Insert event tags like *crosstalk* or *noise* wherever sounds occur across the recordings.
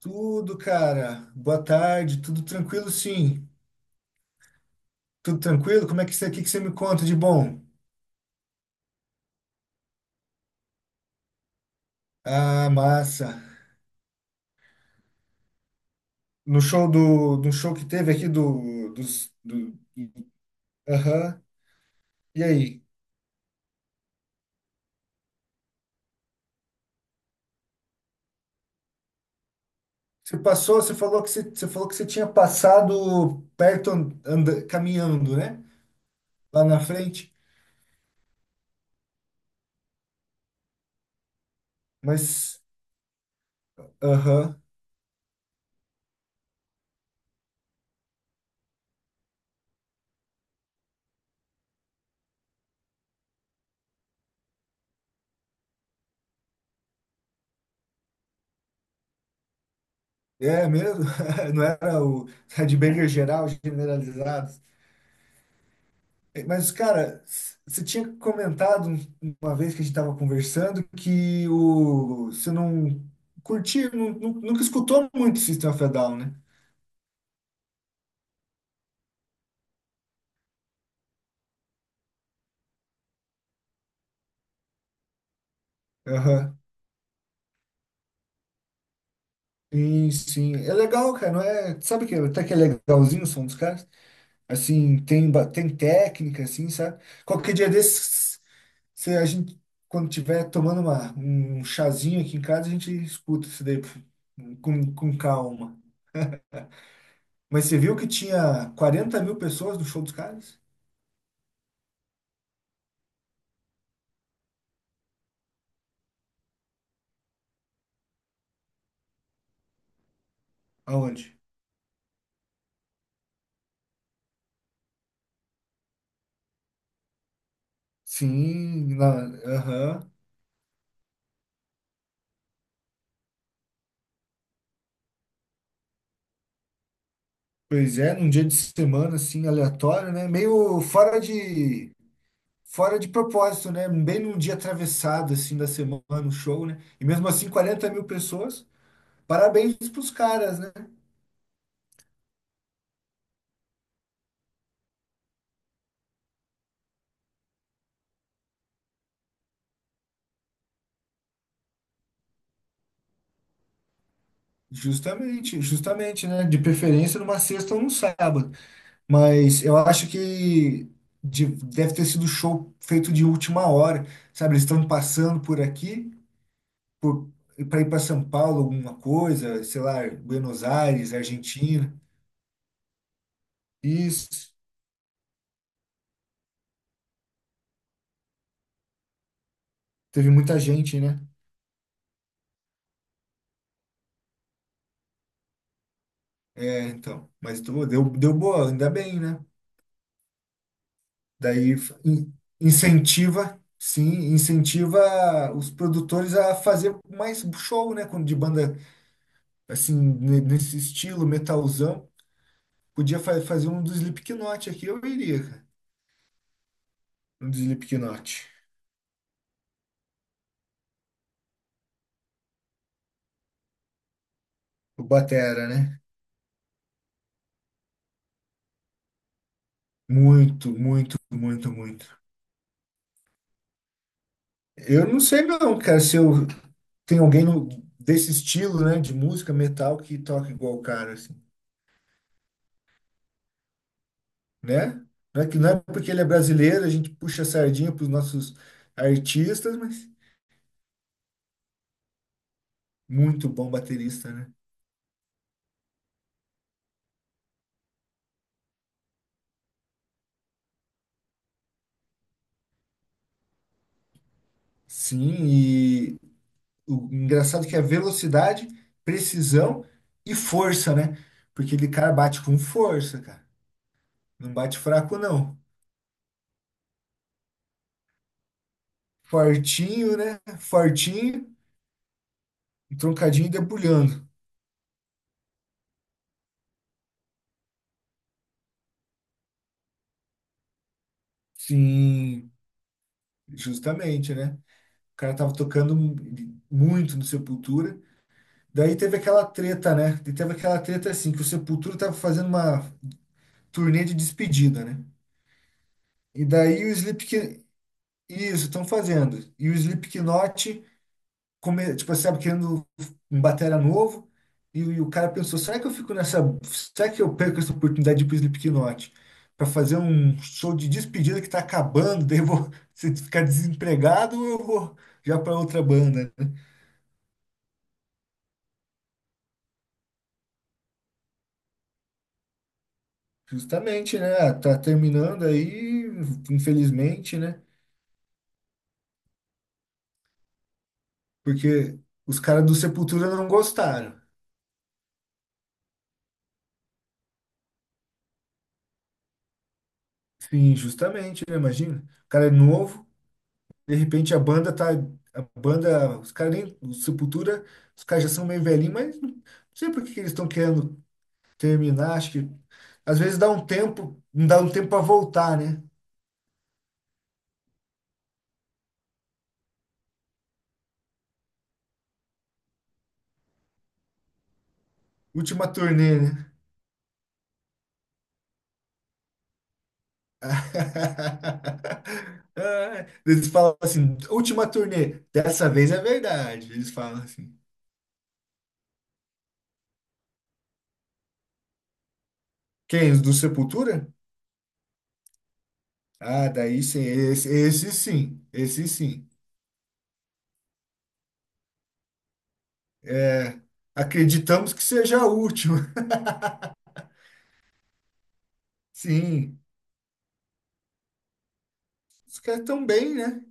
Tudo, cara. Boa tarde. Tudo tranquilo, sim. Tudo tranquilo? Como é que que você me conta de bom? Ah, massa. No show do show que teve aqui do... aham. E aí? Você falou que você falou que você tinha passado perto caminhando, né? Lá na frente. Mas, aham. É mesmo? *laughs* Não era o headbanger geral, generalizado? Mas, cara, você tinha comentado uma vez que a gente estava conversando que o, você não curtia, nunca escutou muito System of a Down, né? Aham. Sim, sim. É legal, cara, não é? Sabe que até que é legalzinho o som dos caras? Assim, tem, tem técnica, assim, sabe? Qualquer dia desses, se a gente, quando tiver tomando um chazinho aqui em casa, a gente escuta isso daí com calma. Mas você viu que tinha 40.000 pessoas no show dos caras? Aonde? Sim, na, aham. Pois é, num dia de semana, assim, aleatório, né? Meio fora de propósito, né? Bem num dia atravessado, assim, da semana, no show, né? E mesmo assim, 40.000 pessoas. Parabéns pros caras, né? Justamente, justamente, né? De preferência numa sexta ou num sábado. Mas eu acho que deve ter sido show feito de última hora, sabe? Eles estão passando por aqui por, para ir para São Paulo, alguma coisa, sei lá, Buenos Aires, Argentina. Isso. Teve muita gente, né? É, então. Mas pô, deu boa, ainda bem, né? Daí in- incentiva, sim, incentiva os produtores a fazer mais show, né? Quando- De banda, assim, nesse estilo, metalzão. Podia fazer um do Slipknot aqui, eu iria, cara. Um do Slipknot. O Batera, né? Muito, muito, muito, muito. Eu não sei não, cara, se eu tem alguém desse estilo, né, de música metal que toca igual o cara, assim, né? Não é que não é porque ele é brasileiro, a gente puxa a sardinha pros nossos artistas, mas muito bom baterista, né? Sim, e o engraçado é que é velocidade, precisão e força, né? Porque ele, cara, bate com força, cara. Não bate fraco, não. Fortinho, né? Fortinho, um troncadinho e debulhando. Sim, justamente, né? O cara tava tocando muito no Sepultura. Daí teve aquela treta, né? E teve aquela treta assim, que o Sepultura tava fazendo uma turnê de despedida, né? E daí o Slipknot... Isso, estão fazendo. E o Slipknot come, tipo, assim, sabe, querendo um batera novo, e o cara pensou, será que eu fico nessa, será que eu perco essa oportunidade de ir pro Slipknot para fazer um show de despedida que tá acabando, daí eu vou *laughs* se ficar desempregado ou eu vou já para outra banda, né? Justamente, né? Tá terminando aí, infelizmente, né? Porque os caras do Sepultura não gostaram. Sim, justamente, né? Imagina. O cara é novo. De repente a banda tá. A banda, os caras nem. O Sepultura, os caras já são meio velhinhos, mas não sei por que que eles estão querendo terminar. Acho que às vezes dá um tempo, não dá um tempo para voltar, né? Última turnê, né? *laughs* Ah, eles falam assim, última turnê, dessa vez é verdade. Eles falam assim. Quem? Os do Sepultura? Ah, daí sim, esse sim, esse sim. É, acreditamos que seja a última. *laughs* Sim. Os caras tão bem, né?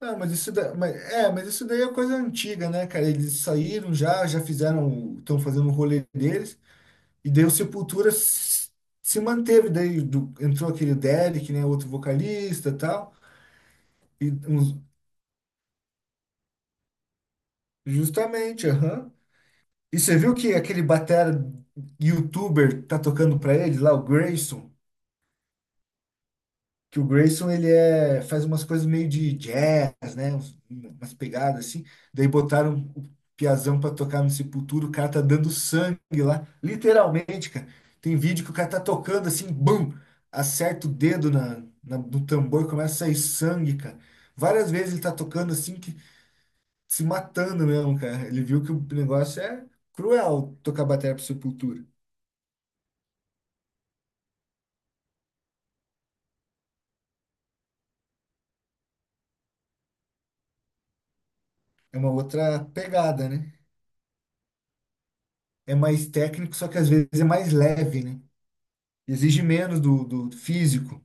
Ah, mas, é, mas isso daí é coisa antiga, né, cara? Eles saíram já, já fizeram, estão fazendo o rolê deles, e daí o Sepultura se manteve, daí entrou aquele Derek, né, outro vocalista e tal, e justamente, aham. E você viu que aquele batera youtuber tá tocando pra ele lá, o Grayson? Que o Grayson ele é, faz umas coisas meio de jazz, né? Umas pegadas assim. Daí botaram o Piazão pra tocar no Sepultura, o cara tá dando sangue lá, literalmente, cara. Tem vídeo que o cara tá tocando assim, bum, acerta o dedo na, no tambor, começa a sair sangue, cara. Várias vezes ele tá tocando assim, que se matando mesmo, cara. Ele viu que o negócio é cruel tocar bateria pro Sepultura. É uma outra pegada, né? É mais técnico, só que às vezes é mais leve, né? Exige menos do, do físico.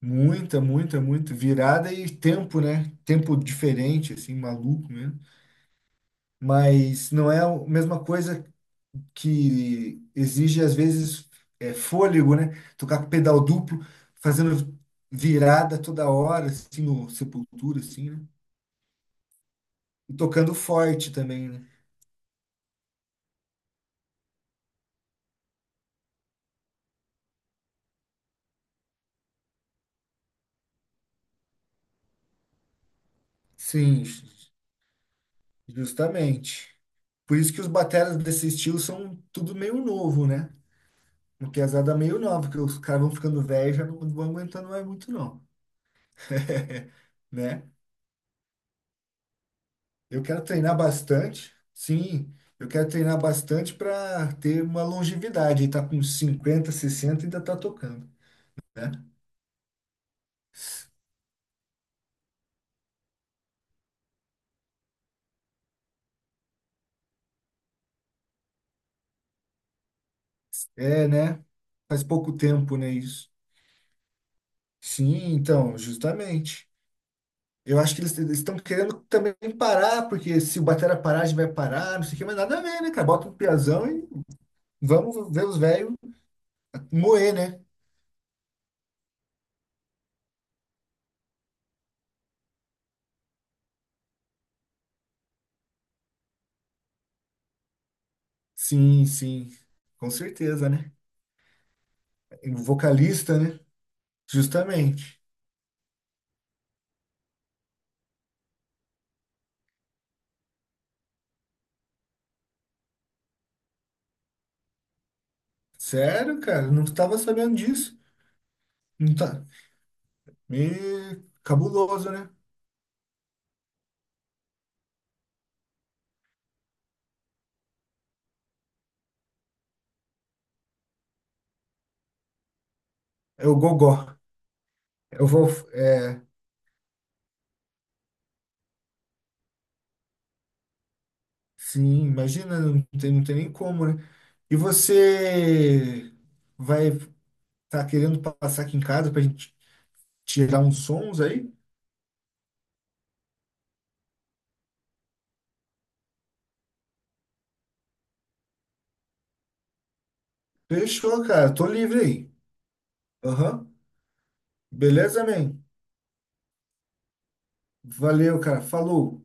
Muita, muita, muito. Virada e tempo, né? Tempo diferente, assim, maluco mesmo. Mas não é a mesma coisa que exige, às vezes, é, fôlego, né? Tocar com pedal duplo, fazendo virada toda hora, assim, no Sepultura, assim, né? E tocando forte também, né? Sim, justamente. Por isso que os bateras desse estilo são tudo meio novo, né? Porque as hadas meio nova, porque os caras vão ficando velhos, já não vão aguentando mais muito, não. *laughs* Né? Eu quero treinar bastante, sim. Eu quero treinar bastante para ter uma longevidade. E tá com 50, 60 e ainda tá tocando, né? É, né? Faz pouco tempo, né, isso. Sim, então, justamente. Eu acho que eles estão querendo também parar, porque se o batera parar, a gente vai parar, não sei o que, mas nada a ver, né, cara? Bota um piazão e vamos ver os velhos moer, né? Sim, sim, com certeza, né? Vocalista, né? Justamente. Sério, cara, não estava sabendo disso. Não tá. Me... Cabuloso, né? É o gogó. Eu vou. É... Sim, imagina, não tem, não tem nem como, né? E você vai tá querendo passar aqui em casa pra gente tirar uns sons aí? Fechou, cara. Tô livre aí. Aham. Beleza, man? Valeu, cara. Falou.